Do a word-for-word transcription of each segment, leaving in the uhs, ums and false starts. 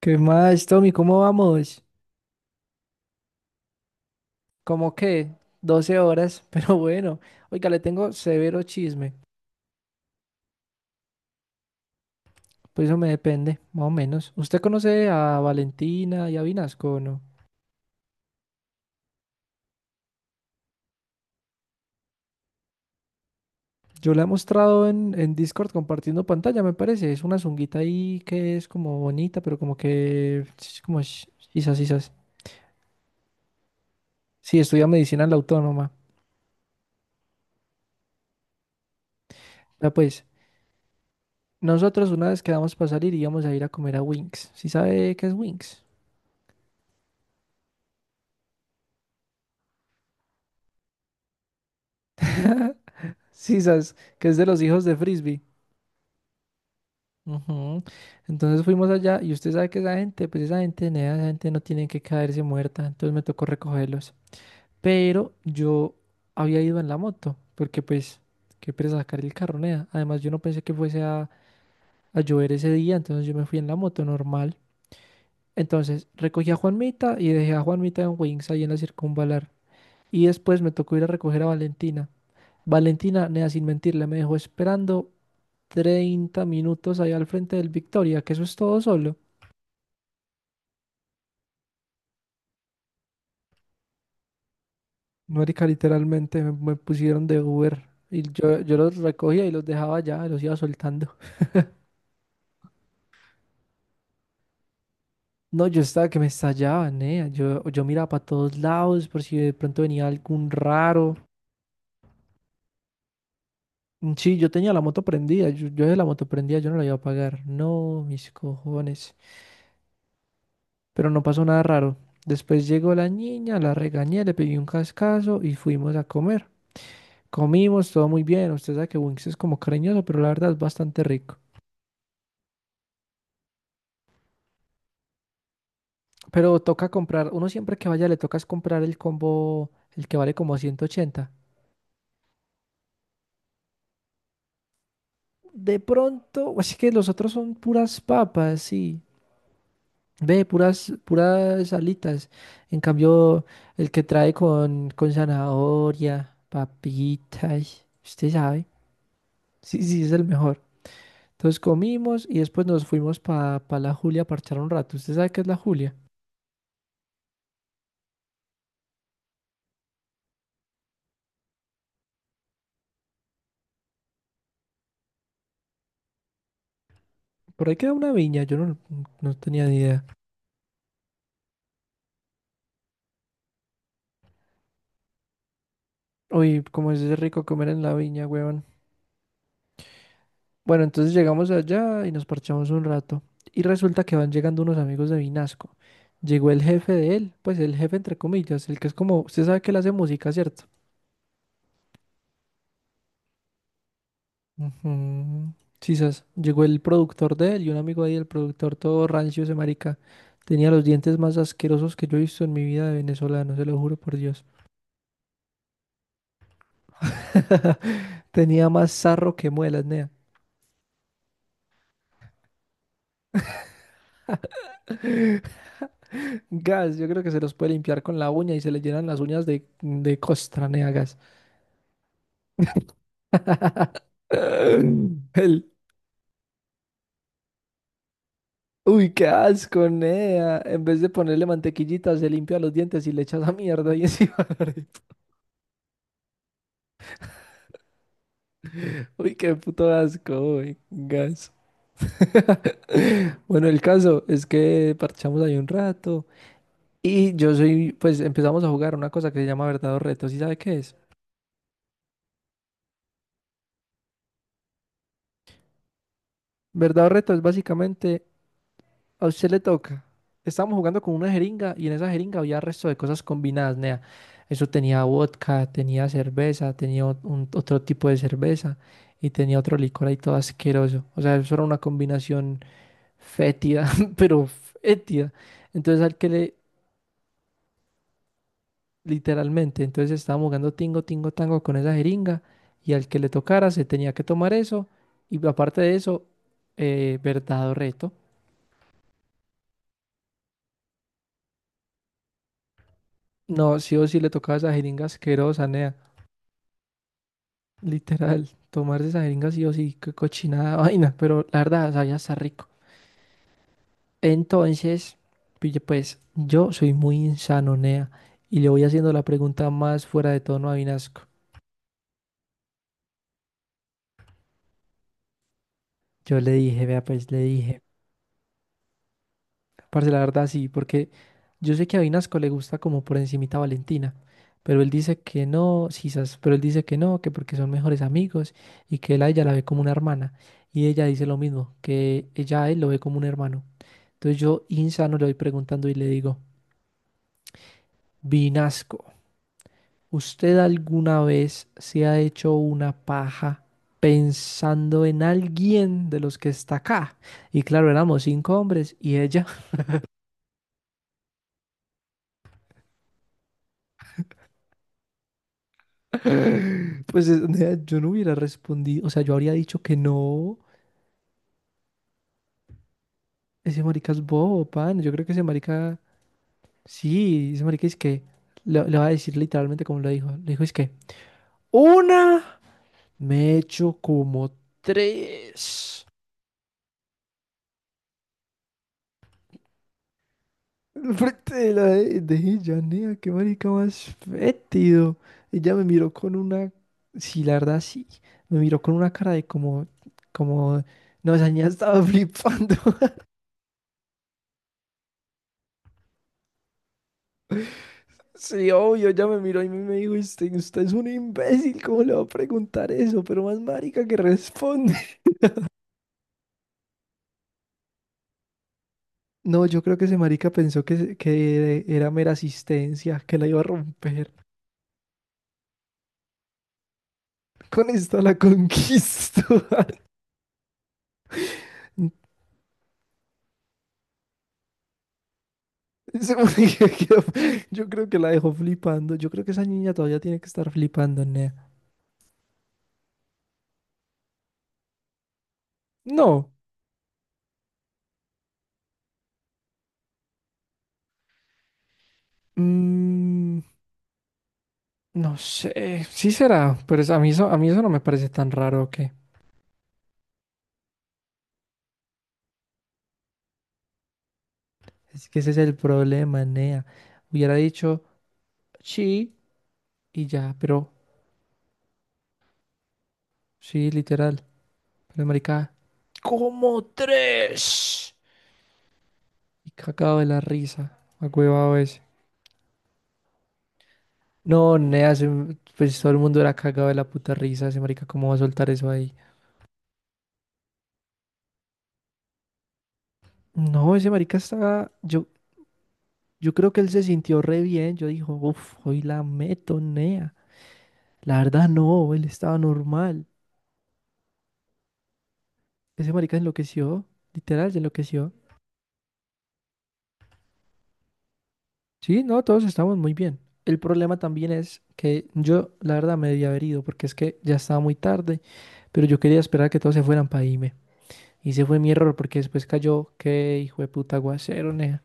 ¿Qué más, Tommy? ¿Cómo vamos? ¿Cómo qué? Doce horas, pero bueno. Oiga, le tengo severo chisme. Pues eso me depende, más o menos. ¿Usted conoce a Valentina y a Vinasco o no? Yo la he mostrado en, en Discord compartiendo pantalla, me parece. Es una zunguita ahí que es como bonita, pero como que es Como... sh- Sisas, sisas. Sí, estudia medicina en la autónoma. Ya pues, nosotros una vez quedamos para salir, íbamos a ir a comer a Winx. ¿Sí sabe qué es Winx? Sisas, que es de los hijos de Frisbee. Ujú. Entonces fuimos allá y usted sabe que esa gente, pues esa gente, nea, esa gente no tiene que caerse muerta, entonces me tocó recogerlos. Pero yo había ido en la moto, porque pues, qué pereza sacar el carro, nea. Además yo no pensé que fuese a, a llover ese día, entonces yo me fui en la moto normal. Entonces recogí a Juanmita y dejé a Juanmita en Wings ahí en la circunvalar. Y después me tocó ir a recoger a Valentina. Valentina, nea, sin mentirle, me dejó esperando treinta minutos allá al frente del Victoria, que eso es todo solo. Marica, literalmente me, me pusieron de Uber y yo, yo los recogía y los dejaba allá, los iba soltando. No, yo estaba que me estallaba, nea. Yo, yo miraba para todos lados por si de pronto venía algún raro. Mm, sí, yo tenía la moto prendida, yo, yo de la moto prendida, yo no la iba a pagar. No, mis cojones. Pero no pasó nada raro. Después llegó la niña, la regañé, le pedí un cascazo y fuimos a comer. Comimos, todo muy bien. Usted sabe que Wings es como cariñoso, pero la verdad es bastante rico. Pero toca comprar, uno siempre que vaya le tocas comprar el combo, el que vale como ciento ochenta. De pronto, así que los otros son puras papas, sí. Ve, puras, puras alitas. En cambio, el que trae con, con zanahoria, papitas, usted sabe. Sí, sí, es el mejor. Entonces comimos y después nos fuimos para la Julia a parchar un rato. ¿Usted sabe qué es la Julia? Por ahí queda una viña, yo no, no tenía ni idea. Uy, cómo es de rico comer en la viña, weón. Bueno, entonces llegamos allá y nos parchamos un rato. Y resulta que van llegando unos amigos de Vinasco. Llegó el jefe de él, pues el jefe entre comillas, el que es como, usted sabe que él hace música, ¿cierto? Ujú. Sí, sas. Llegó el productor de él y un amigo ahí, el productor todo rancio, ese marica. Tenía los dientes más asquerosos que yo he visto en mi vida de venezolano, se lo juro por Dios. Tenía más sarro que muelas, nea. Gas, yo creo que se los puede limpiar con la uña y se le llenan las uñas de, de costra, nea, gas. El, uy, qué asco, nea. En vez de ponerle mantequillita, se limpia los dientes y le echa esa mierda y encima. Uy, qué puto asco, uy, gas. Bueno, el caso es que parchamos ahí un rato y yo soy, pues empezamos a jugar una cosa que se llama verdad o reto. ¿Sí sabe qué es? Verdad o reto es básicamente a usted le toca. Estábamos jugando con una jeringa y en esa jeringa había resto de cosas combinadas, nea. Eso tenía vodka, tenía cerveza, tenía ot- un- otro tipo de cerveza y tenía otro licor ahí todo asqueroso. O sea, eso era una combinación fétida, pero fétida. Entonces al que le, literalmente, entonces estábamos jugando tingo, tingo, tango con esa jeringa y al que le tocara se tenía que tomar eso y aparte de eso, eh, verdad o reto. No, sí o sí le tocaba esa jeringa asquerosa, nea. Literal, tomar esa jeringa sí o sí, qué cochinada vaina, pero la verdad sabía está rico. Entonces, pille, pues yo soy muy insanonea y le voy haciendo la pregunta más fuera de tono a Vinasco. Yo le dije, vea, pues le dije, parce, la verdad sí, porque yo sé que a Vinasco le gusta como por encimita Valentina, pero él dice que no, quizás, pero él dice que no, que porque son mejores amigos y que él a ella la ve como una hermana y ella dice lo mismo, que ella a él lo ve como un hermano. Entonces yo, insano, le voy preguntando y le digo, Vinasco, ¿usted alguna vez se ha hecho una paja pensando en alguien de los que está acá? Y claro, éramos cinco hombres y ella, pues es- nea, yo no hubiera respondido, o sea, yo habría dicho que no, ese marica es bobo, pan, yo creo que ese marica, sí, ese marica es que, le, le va a decir literalmente como lo dijo, le dijo es que, una, me he hecho como tres. Al frente de la de, de ella, nea, qué marica más fétido. Ella me miró con una, sí, la verdad, sí, me miró con una cara de como, como, no, esa niña estaba flipando. Sí, obvio, ella me miró y me me dijo, usted, usted es un imbécil, ¿cómo le va a preguntar eso? Pero más marica que responde. No, yo creo que ese marica pensó que, se- que era mera asistencia, que la iba a romper. Con esta la conquisto. Sí, porque Yo creo yo creo que la dejó flipando. Yo creo que esa niña todavía tiene que estar flipando, nea. No. mm, no sé. Sí será, pero es- a mí eso, a mí eso no me parece tan raro que. Es que ese es el problema, nea. Hubiera dicho sí y ya, pero sí, literal. Pero marica, como tres. Y cagado de la risa. Agüevado ese. No, nea, ese- pues todo el mundo era cagado de la puta risa. Ese marica, ¿cómo va a soltar eso ahí? No, ese marica está, yo, yo, creo que él se sintió re bien, yo dijo, uff, hoy la meto, nea. La verdad no, él estaba normal. Ese marica enloqueció, literal, se enloqueció. Sí, no, todos estamos muy bien. El problema también es que yo, la verdad, me debía haber ido porque es que ya estaba muy tarde, pero yo quería esperar a que todos se fueran para irme. Y ese fue mi error porque después cayó, qué hijo de puta aguacero, nea.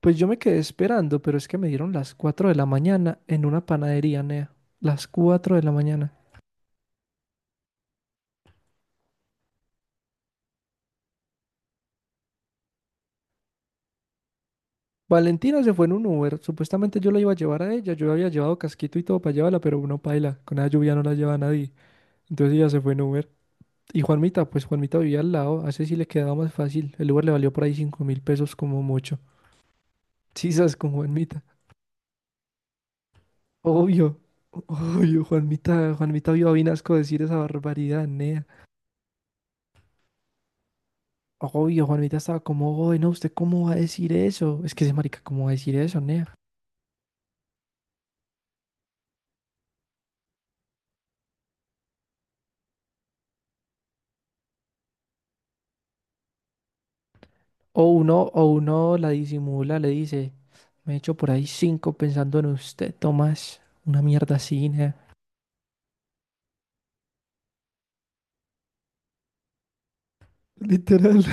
Pues yo me quedé esperando, pero es que me dieron las cuatro de la mañana en una panadería, nea. Las cuatro de la mañana. Valentina se fue en un Uber. Supuestamente yo la iba a llevar a ella. Yo había llevado casquito y todo para llevarla, pero uno paila. Con la lluvia no la lleva nadie. Entonces ella se fue en Uber. Y Juanmita, pues Juanmita vivía al lado. A ese sí le quedaba más fácil. El Uber le valió por ahí cinco mil pesos como mucho. Chisas con Juanmita. Obvio. Obvio, Juanmita. Juanmita vio a Vinasco decir esa barbaridad, nea. Obvio, Juanmita estaba como, "Oye, no, ¿usted cómo va a decir eso? Es que ese marica, ¿cómo va a decir eso, nea? O uno, o uno la disimula, le dice. Me he hecho por ahí cinco pensando en usted, Tomás. Una mierda así, nea. Literal,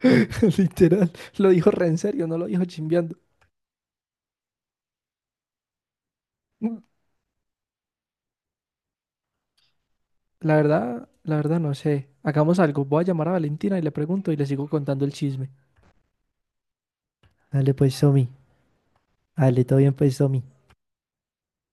literal. Lo dijo re en serio, no lo dijo chimbeando. Mm, La verdad, la verdad no sé. Hagamos algo. Voy a llamar a Valentina y le pregunto y le sigo contando el chisme. Dale pues, Somi. Dale, todo bien pues, Somi.